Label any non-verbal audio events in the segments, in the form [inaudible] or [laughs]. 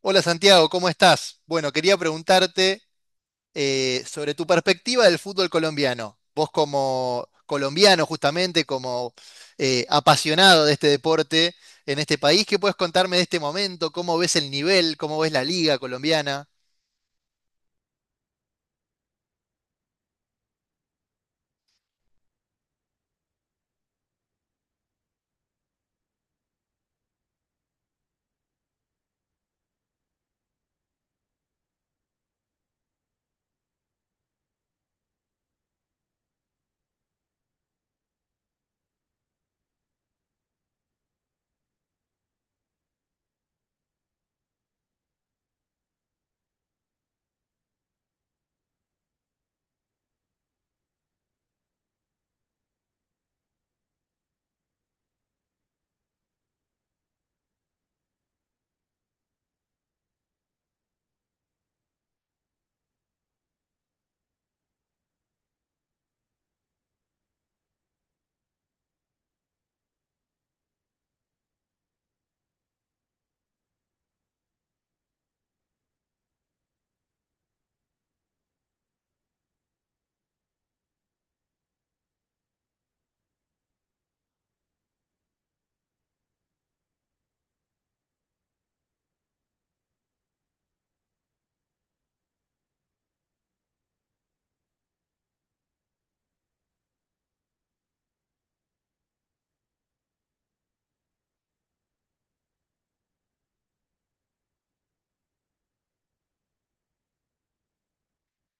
Hola Santiago, ¿cómo estás? Bueno, quería preguntarte sobre tu perspectiva del fútbol colombiano. Vos como colombiano, justamente, como apasionado de este deporte en este país, ¿qué puedes contarme de este momento? ¿Cómo ves el nivel? ¿Cómo ves la liga colombiana?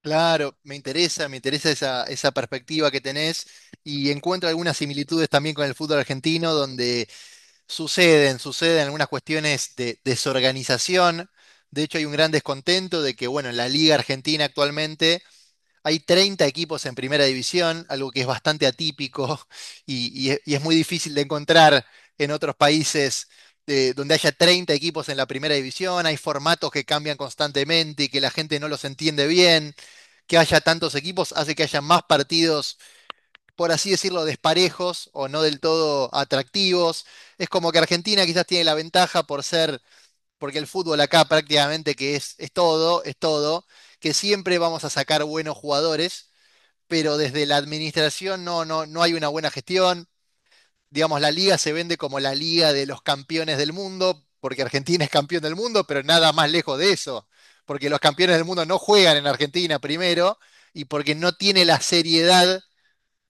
Claro, me interesa esa, esa perspectiva que tenés y encuentro algunas similitudes también con el fútbol argentino, donde suceden algunas cuestiones de desorganización. De hecho, hay un gran descontento de que, bueno, en la Liga Argentina actualmente hay 30 equipos en primera división, algo que es bastante atípico [laughs] y es muy difícil de encontrar en otros países donde haya 30 equipos en la primera división. Hay formatos que cambian constantemente y que la gente no los entiende bien. Que haya tantos equipos hace que haya más partidos, por así decirlo, desparejos o no del todo atractivos. Es como que Argentina quizás tiene la ventaja por ser, porque el fútbol acá prácticamente que es todo, que siempre vamos a sacar buenos jugadores, pero desde la administración no hay una buena gestión. Digamos, la liga se vende como la liga de los campeones del mundo, porque Argentina es campeón del mundo, pero nada más lejos de eso, porque los campeones del mundo no juegan en Argentina primero y porque no tiene la seriedad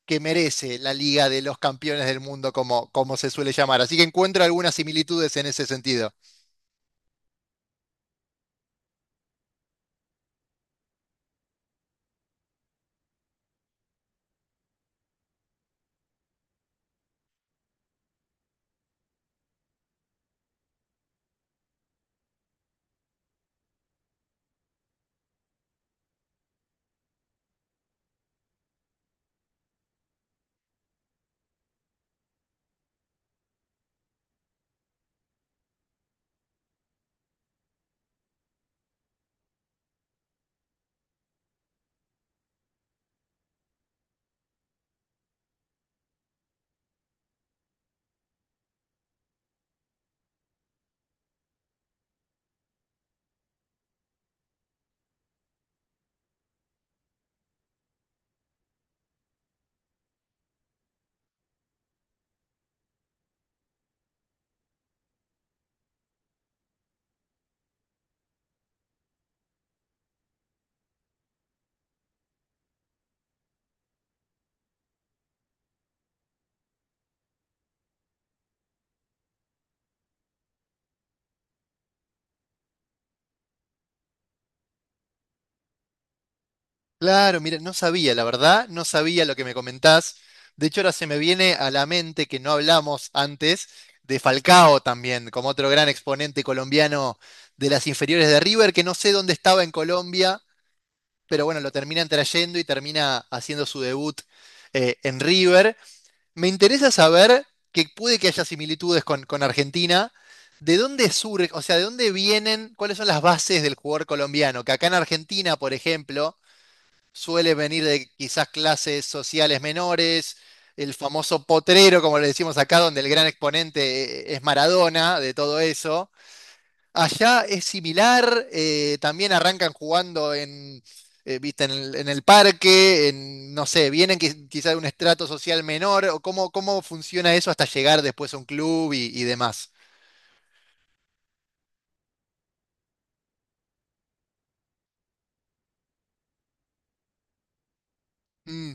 que merece la Liga de los Campeones del Mundo, como, como se suele llamar. Así que encuentro algunas similitudes en ese sentido. Claro, mira, no sabía, la verdad, no sabía lo que me comentás. De hecho, ahora se me viene a la mente que no hablamos antes de Falcao también, como otro gran exponente colombiano de las inferiores de River, que no sé dónde estaba en Colombia, pero bueno, lo terminan trayendo y termina haciendo su debut en River. Me interesa saber que puede que haya similitudes con Argentina. ¿De dónde surge, o sea, de dónde vienen, cuáles son las bases del jugador colombiano? Que acá en Argentina, por ejemplo, suele venir de quizás clases sociales menores, el famoso potrero, como le decimos acá, donde el gran exponente es Maradona, de todo eso. Allá es similar, también arrancan jugando en, viste, en el parque, en, no sé, vienen quizás de un estrato social menor, o cómo, cómo funciona eso hasta llegar después a un club y demás. Mm,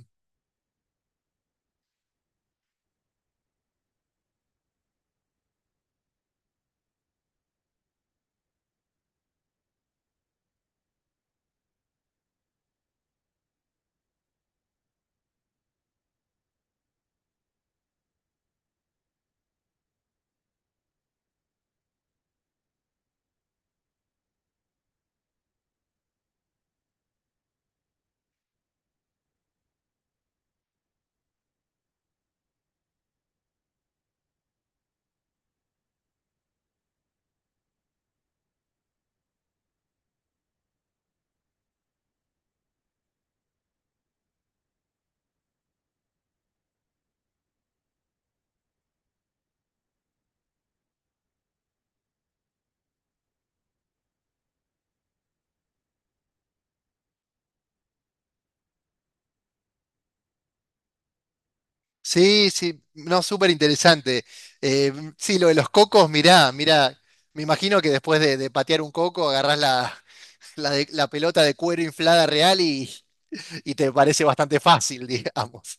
sí, sí, no, súper interesante. Eh, sí, lo de los cocos, mirá, mirá, me imagino que después de patear un coco agarrás la, la pelota de cuero inflada real y te parece bastante fácil, [laughs] digamos.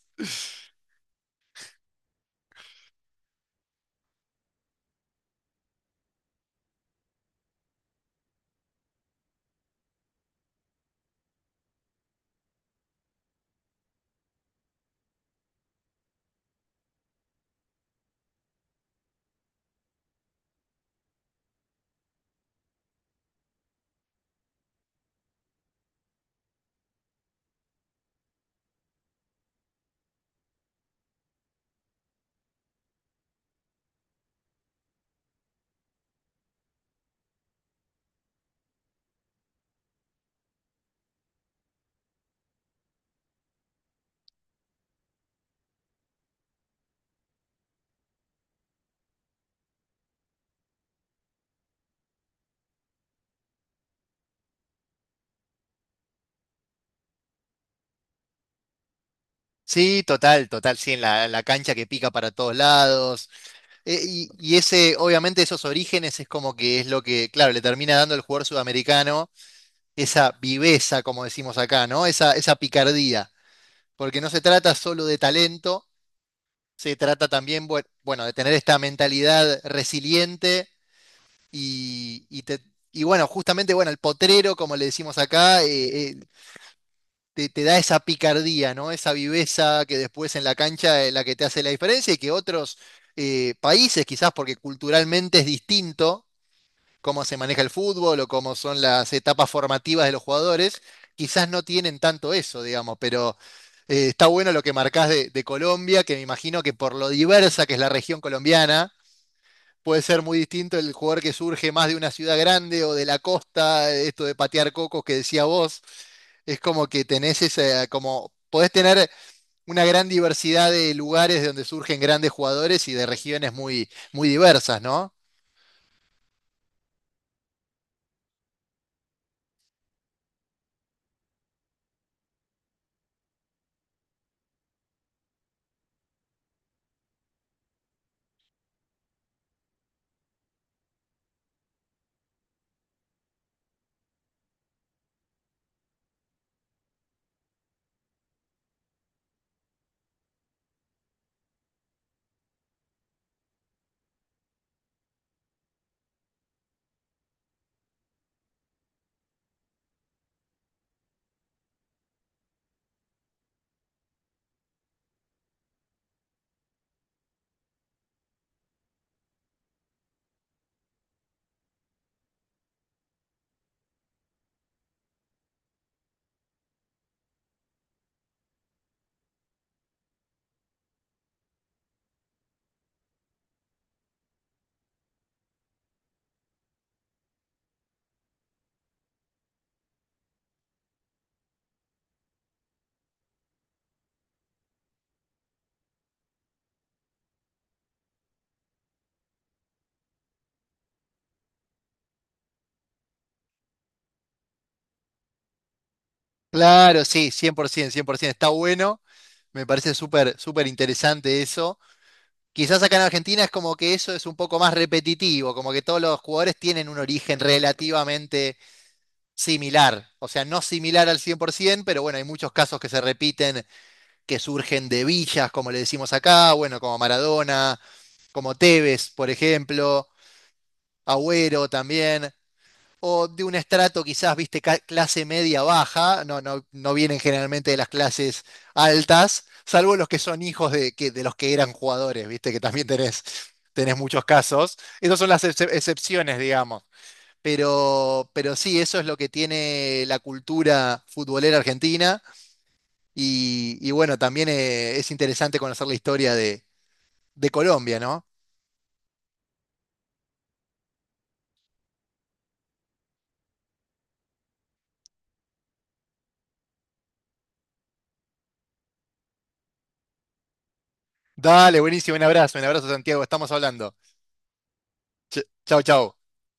Sí, total, total, sí, en la, la cancha que pica para todos lados. Y ese, obviamente, esos orígenes es como que es lo que, claro, le termina dando el jugador sudamericano esa viveza, como decimos acá, ¿no? Esa picardía. Porque no se trata solo de talento, se trata también, bueno, de tener esta mentalidad resiliente y, y te- y bueno, justamente, bueno, el potrero, como le decimos acá, te da esa picardía, ¿no? Esa viveza que después en la cancha es la que te hace la diferencia y que otros países, quizás porque culturalmente es distinto cómo se maneja el fútbol o cómo son las etapas formativas de los jugadores, quizás no tienen tanto eso, digamos, pero está bueno lo que marcás de Colombia, que me imagino que por lo diversa que es la región colombiana, puede ser muy distinto el jugador que surge más de una ciudad grande o de la costa, esto de patear cocos que decía vos. Es como que tenés esa, como podés tener una gran diversidad de lugares de donde surgen grandes jugadores y de regiones muy, muy diversas, ¿no? Claro, sí, por ciento, cien por 100%, está bueno. Me parece súper, súper interesante eso. Quizás acá en Argentina es como que eso es un poco más repetitivo, como que todos los jugadores tienen un origen relativamente similar, o sea, no similar al 100%, pero bueno, hay muchos casos que se repiten, que surgen de villas, como le decimos acá, bueno, como Maradona, como Tevez, por ejemplo, Agüero también, o de un estrato quizás, viste, clase media baja, no vienen generalmente de las clases altas, salvo los que son hijos de, que, de los que eran jugadores, viste, que también tenés, tenés muchos casos. Esas son las excepciones, digamos. Pero sí, eso es lo que tiene la cultura futbolera argentina. Y bueno, también es interesante conocer la historia de Colombia, ¿no? Dale, buenísimo, un abrazo Santiago, estamos hablando. Chau, chau.